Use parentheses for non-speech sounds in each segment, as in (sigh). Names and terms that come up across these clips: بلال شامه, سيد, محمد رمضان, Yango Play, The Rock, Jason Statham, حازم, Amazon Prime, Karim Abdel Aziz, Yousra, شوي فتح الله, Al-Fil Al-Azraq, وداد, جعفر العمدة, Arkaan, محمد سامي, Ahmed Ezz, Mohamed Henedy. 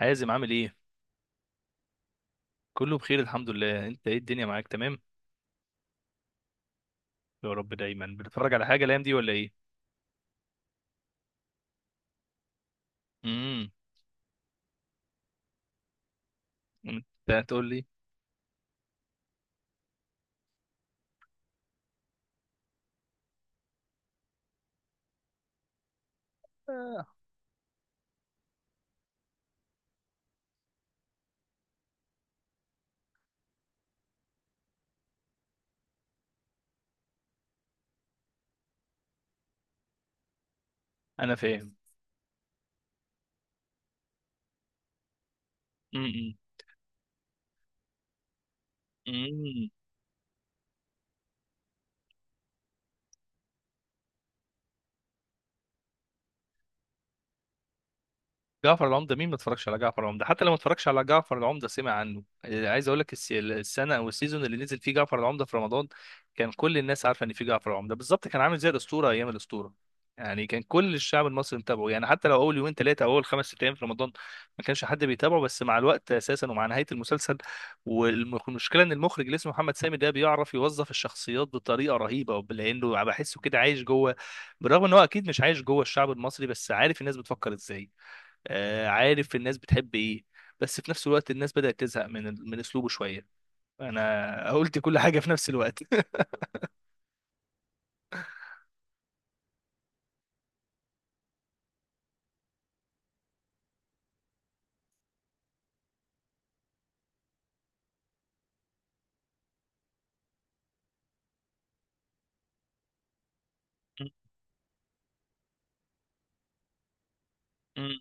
حازم عامل ايه؟ كله بخير الحمد لله. انت ايه الدنيا معاك تمام؟ يا رب. دايما بتتفرج على حاجه الايام دي ولا ايه؟ امم انت هتقول لي. انا فاهم. امم جعفر العمدة مين ما اتفرجش على جعفر العمدة؟ حتى لو ما اتفرجش على جعفر العمدة سمع عنه. عايز اقول لك السنة او السيزون اللي نزل فيه جعفر العمدة في رمضان، كان كل الناس عارفة ان في جعفر العمدة. بالظبط كان عامل زي الأسطورة ايام الأسطورة، يعني كان كل الشعب المصري متابعه. يعني حتى لو اول يومين ثلاثة او اول خمس ست ايام في رمضان ما كانش حد بيتابعه، بس مع الوقت اساسا ومع نهاية المسلسل. والمشكلة ان المخرج اللي اسمه محمد سامي ده بيعرف يوظف الشخصيات بطريقة رهيبة، لانه بحسه كده عايش جوه. بالرغم ان هو اكيد مش عايش جوه الشعب المصري، بس عارف الناس بتفكر ازاي. عارف الناس بتحب ايه. بس في نفس الوقت الناس بدأت تزهق من من اسلوبه شوية. انا قلت كل حاجة في نفس الوقت. (laughs) م- م-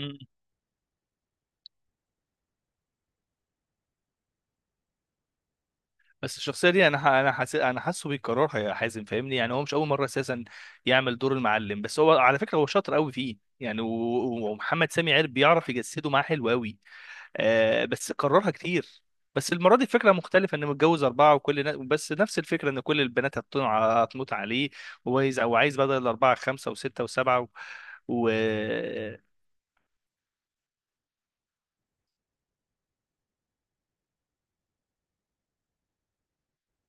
م. بس الشخصية دي انا انا حاسس، انا حاسه بيكررها يا حازم فاهمني. يعني هو مش اول مرة اساسا يعمل دور المعلم، بس هو على فكرة هو شاطر قوي فيه يعني. ومحمد سامي عارف بيعرف يجسده معاه حلو قوي. بس كررها كتير. بس المرة دي الفكرة مختلفة، انه متجوز أربعة وكل بس نفس الفكرة ان كل البنات هتموت عليه، وعايز او عايز بدل الأربعة خمسة وستة وسبعة و...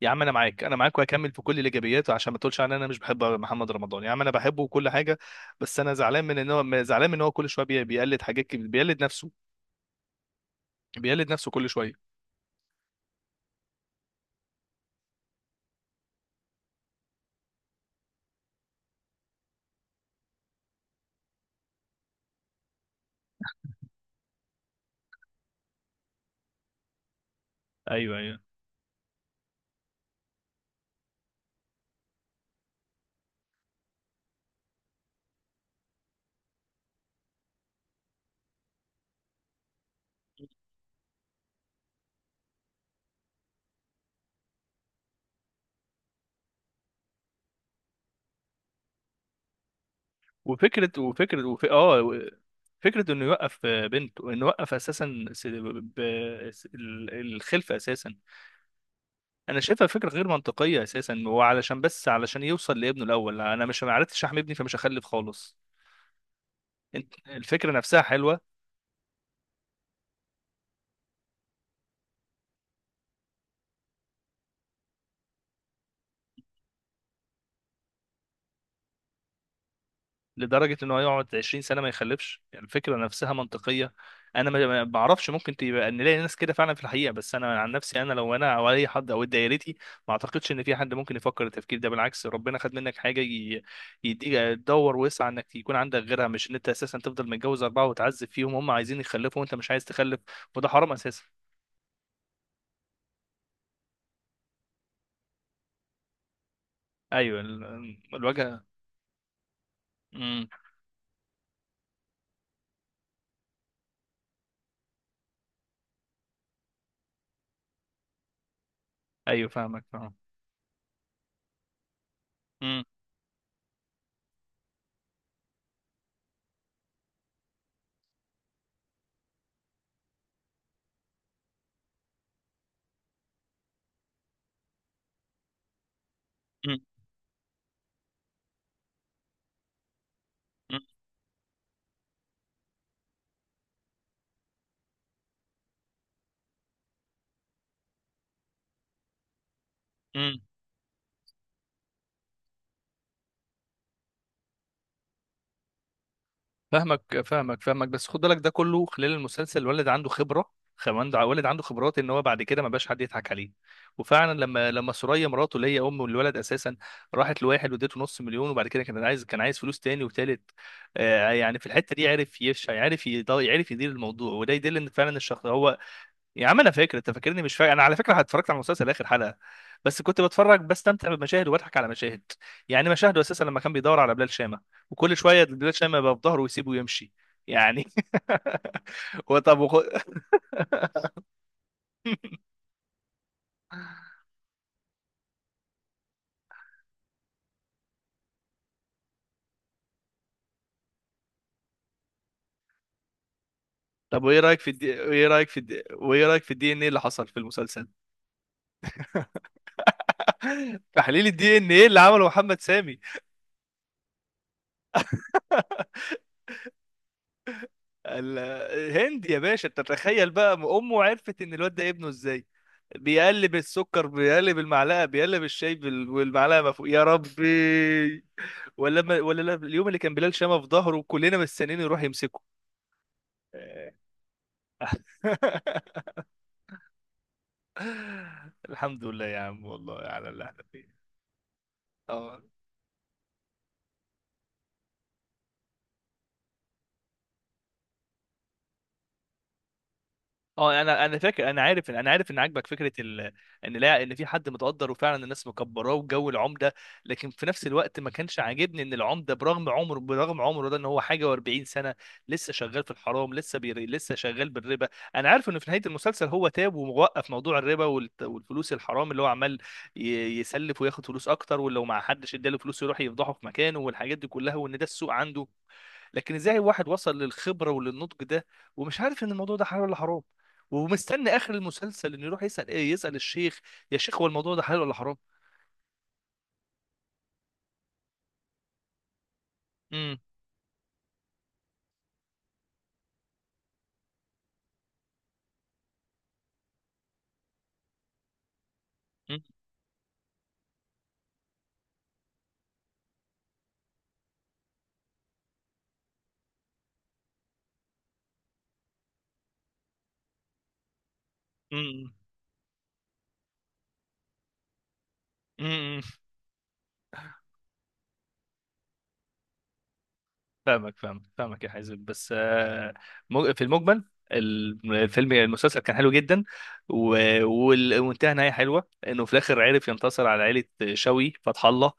يا عم انا معاك، انا معاك، وهكمل في كل الايجابيات عشان ما تقولش ان انا مش بحب محمد رمضان. يا عم انا بحبه وكل حاجه. بس انا زعلان من ان هو زعلان من ان هو كل شويه بيقلد حاجات كبيرة، بيقلد نفسه. بيقلد نفسه كل شويه. ايوه ايوه. وفكره اه فكره انه يوقف بنته، انه يوقف اساسا س... ب... س... ال- الخلفه اساسا. انا شايفها فكره غير منطقيه اساسا، وعلشان بس علشان يوصل لابنه الاول. انا مش، ما عرفتش احمي ابني فمش هخلف خالص. الفكره نفسها حلوه. لدرجه ان هو يقعد 20 سنه ما يخلفش، يعني الفكره نفسها منطقيه. انا ما بعرفش، ممكن تبقى نلاقي ناس كده فعلا في الحقيقه، بس انا عن نفسي، انا لو انا او اي حد او دايرتي ما اعتقدش ان في حد ممكن يفكر التفكير ده. بالعكس، ربنا خد منك حاجه يديك تدور وسع انك يكون عندك غيرها، مش ان انت اساسا تفضل متجوز اربعه وتعذب فيهم، هم عايزين يخلفوا وانت مش عايز تخلف. وده حرام اساسا. ايوه الواجهه. امم ايوه فاهمك فاهم. امم فاهمك فاهمك فاهمك، بس خد بالك ده كله خلال المسلسل الولد عنده خبره. خمان الولد عنده خبرات، ان هو بعد كده ما بقاش حد يضحك عليه. وفعلا لما سوريا مراته اللي هي ام الولد اساسا راحت لواحد واديته نص مليون، وبعد كده كان عايز، كان عايز فلوس تاني وتالت. آه يعني في الحته دي عرف يعرف يعرف يدير الموضوع، وده يدل ان فعلا الشخص هو. يا عم انا فاكر. انت فاكرني مش فاكر؟ انا على فكره اتفرجت على المسلسل اخر حلقه. بس كنت بتفرج، بستمتع بالمشاهد، وبضحك على مشاهد. يعني مشاهده اساسا لما كان بيدور على بلال شامه، وكل شويه بلال شامه يبقى في ظهره ويسيبه ويمشي يعني. (laughs) وطب وخ... (laughs) طب وايه رايك في الدي ان ايه اللي حصل في المسلسل؟ (laughs) تحليل الدي ان ايه اللي عمله محمد سامي. (laughs) الهند يا باشا. انت تتخيل بقى امه عرفت ان الواد ده ابنه ازاي؟ بيقلب السكر، بيقلب المعلقه، بيقلب الشاي والمعلقه ما فوق. يا ربي. ولا لا، اليوم اللي كان بلال شامه في ظهره كلنا مستنيين يروح يمسكه. (laughs) الحمد لله يا عم، والله على اللي احنا فيه. اه. اه انا، انا فاكر انا عارف انا عارف ان عاجبك فكره ان لا، ان في حد متقدر وفعلا الناس مكبراه وجو العمده. لكن في نفس الوقت ما كانش عاجبني ان العمده، برغم عمره ده، ان هو حاجه و40 سنه لسه شغال في الحرام، لسه لسه شغال بالربا. انا عارف انه في نهايه المسلسل هو تاب ووقف موضوع الربا والفلوس الحرام اللي هو عمال ي... يسلف وياخد فلوس اكتر، ولو ما حدش اداله فلوس يروح يفضحه في مكانه والحاجات دي كلها، وان ده السوق عنده. لكن ازاي واحد وصل للخبره وللنضج ده ومش عارف ان الموضوع ده حلال ولا حرام، ومستني اخر المسلسل انه يروح يسال ايه، يسال الشيخ، يا شيخ هو الموضوع ده حلال ولا حرام؟ امم امم امم فاهمك فاهمك فاهمك يا حازم. بس في المجمل الفيلم المسلسل كان حلو جدا، وانتهى نهايه حلوه انه في الاخر عرف ينتصر على عائله شوي فتح الله.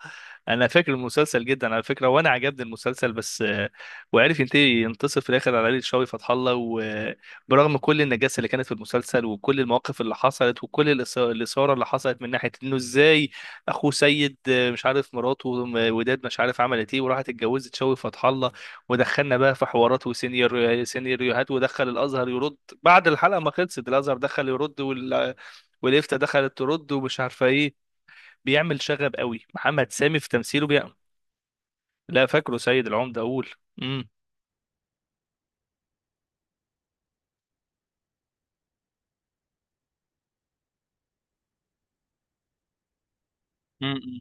انا فاكر المسلسل جدا على فكره، وانا عجبني المسلسل بس وعرف ينتهي، ينتصر في الاخر على عائله شوي فتح الله، وبرغم كل النجاسه اللي كانت في المسلسل وكل المواقف اللي حصلت وكل الاثاره اللي حصلت من ناحيه انه ازاي اخوه سيد، مش عارف مراته وداد مش عارف عملت ايه وراحت اتجوزت شوي فتح الله، ودخلنا بقى في حوارات سيناريوهات ودخل الازهر يرد. بعد الحلقه ما خلصت الازهر دخل يرد والإفتاء دخلت ترد ومش عارفه ايه. بيعمل شغب قوي محمد سامي في تمثيله. بيعمل، لا، فاكره سيد العمده اقول. امم مم.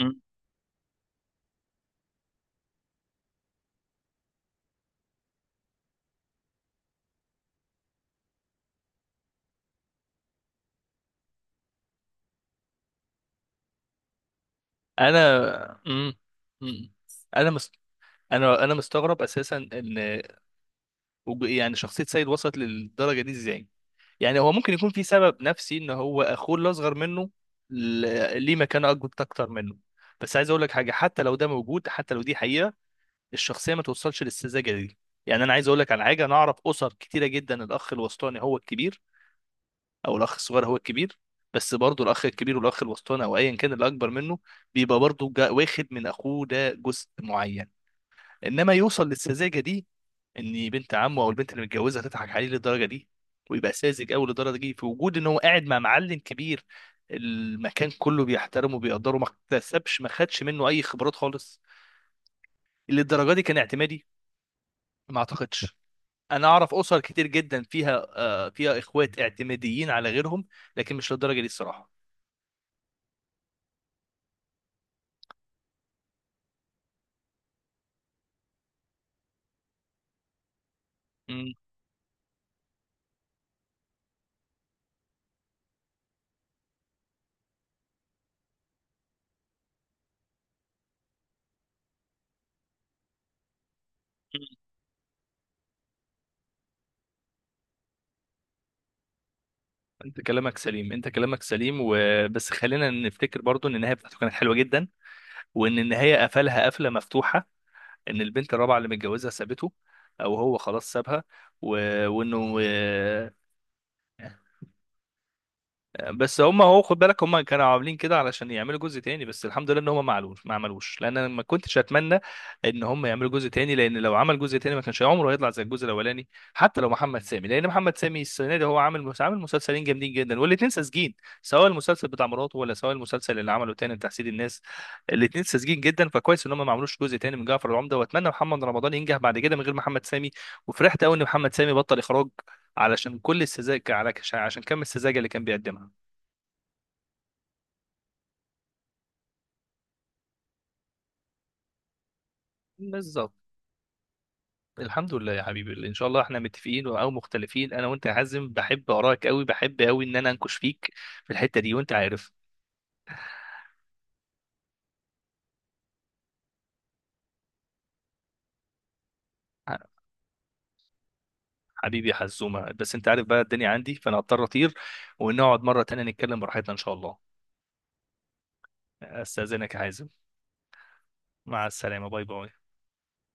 مم. انا، امم امم انا مست... انا مستغرب اساسا ان، يعني شخصيه سيد وصلت للدرجه دي ازاي. يعني هو ممكن يكون في سبب نفسي ان هو اخوه اللي اصغر منه ليه مكانه اكبر اكتر منه. بس عايز اقول لك حاجه، حتى لو ده موجود، حتى لو دي حقيقه، الشخصيه ما توصلش للسذاجه دي. يعني انا عايز اقول لك على حاجه، انا اعرف اسر كتيره جدا الاخ الوسطاني هو الكبير، او الاخ الصغير هو الكبير. بس برضه الاخ الكبير والاخ الوسطاني او ايا كان اللي اكبر منه بيبقى برضه واخد من اخوه ده جزء معين. انما يوصل للسذاجه دي، ان بنت عمه او البنت اللي متجوزها تضحك عليه للدرجه دي، ويبقى ساذج قوي للدرجه دي في وجود ان هو قاعد مع معلم كبير، المكان كله بيحترمه وبيقدره، ما اكتسبش ما خدش منه اي خبرات خالص للدرجه دي. كان اعتمادي، ما اعتقدش. انا اعرف اسر كتير جدا فيها فيها اخوات اعتماديين على غيرهم، لكن مش للدرجه دي الصراحه. مم. انت كلامك سليم، وبس خلينا نفتكر برضو ان النهايه بتاعته كانت حلوه جدا، وان النهايه قفلها قفله مفتوحه، ان البنت الرابعه اللي متجوزها سابته او هو خلاص سابها، و... وانه. (laughs) بس هم اهو خد بالك هم كانوا عاملين كده علشان يعملوا جزء تاني، بس الحمد لله ان هم ما عملوش. لان انا ما كنتش اتمنى ان هم يعملوا جزء تاني، لان لو عمل جزء تاني ما كانش عمره هيطلع زي الجزء الاولاني حتى لو محمد سامي، لان محمد سامي السنه دي هو عامل عامل مسلسلين جامدين جدا والاتنين ساذجين، سواء المسلسل بتاع مراته ولا سواء المسلسل اللي عمله تاني لتحسيد الناس، الاتنين ساذجين جدا. فكويس ان هم ما عملوش جزء تاني من جعفر العمده، واتمنى محمد رمضان ينجح بعد كده من غير محمد سامي. وفرحت قوي ان محمد سامي بطل اخراج علشان كل السذاجه، على عشان كم السذاجه اللي كان بيقدمها. بالظبط. الحمد لله يا حبيبي، ان شاء الله احنا متفقين او مختلفين انا وانت يا حازم، بحب اراك قوي، بحب قوي ان انا انكش فيك في الحته دي وانت عارف. ح- حبيبي يا حزومه، بس انت عارف بقى الدنيا عندي فانا هضطر اطير، ونقعد مره تانية نتكلم براحتنا ان شاء الله. استاذنك يا حازم. مع السلامه باي باي.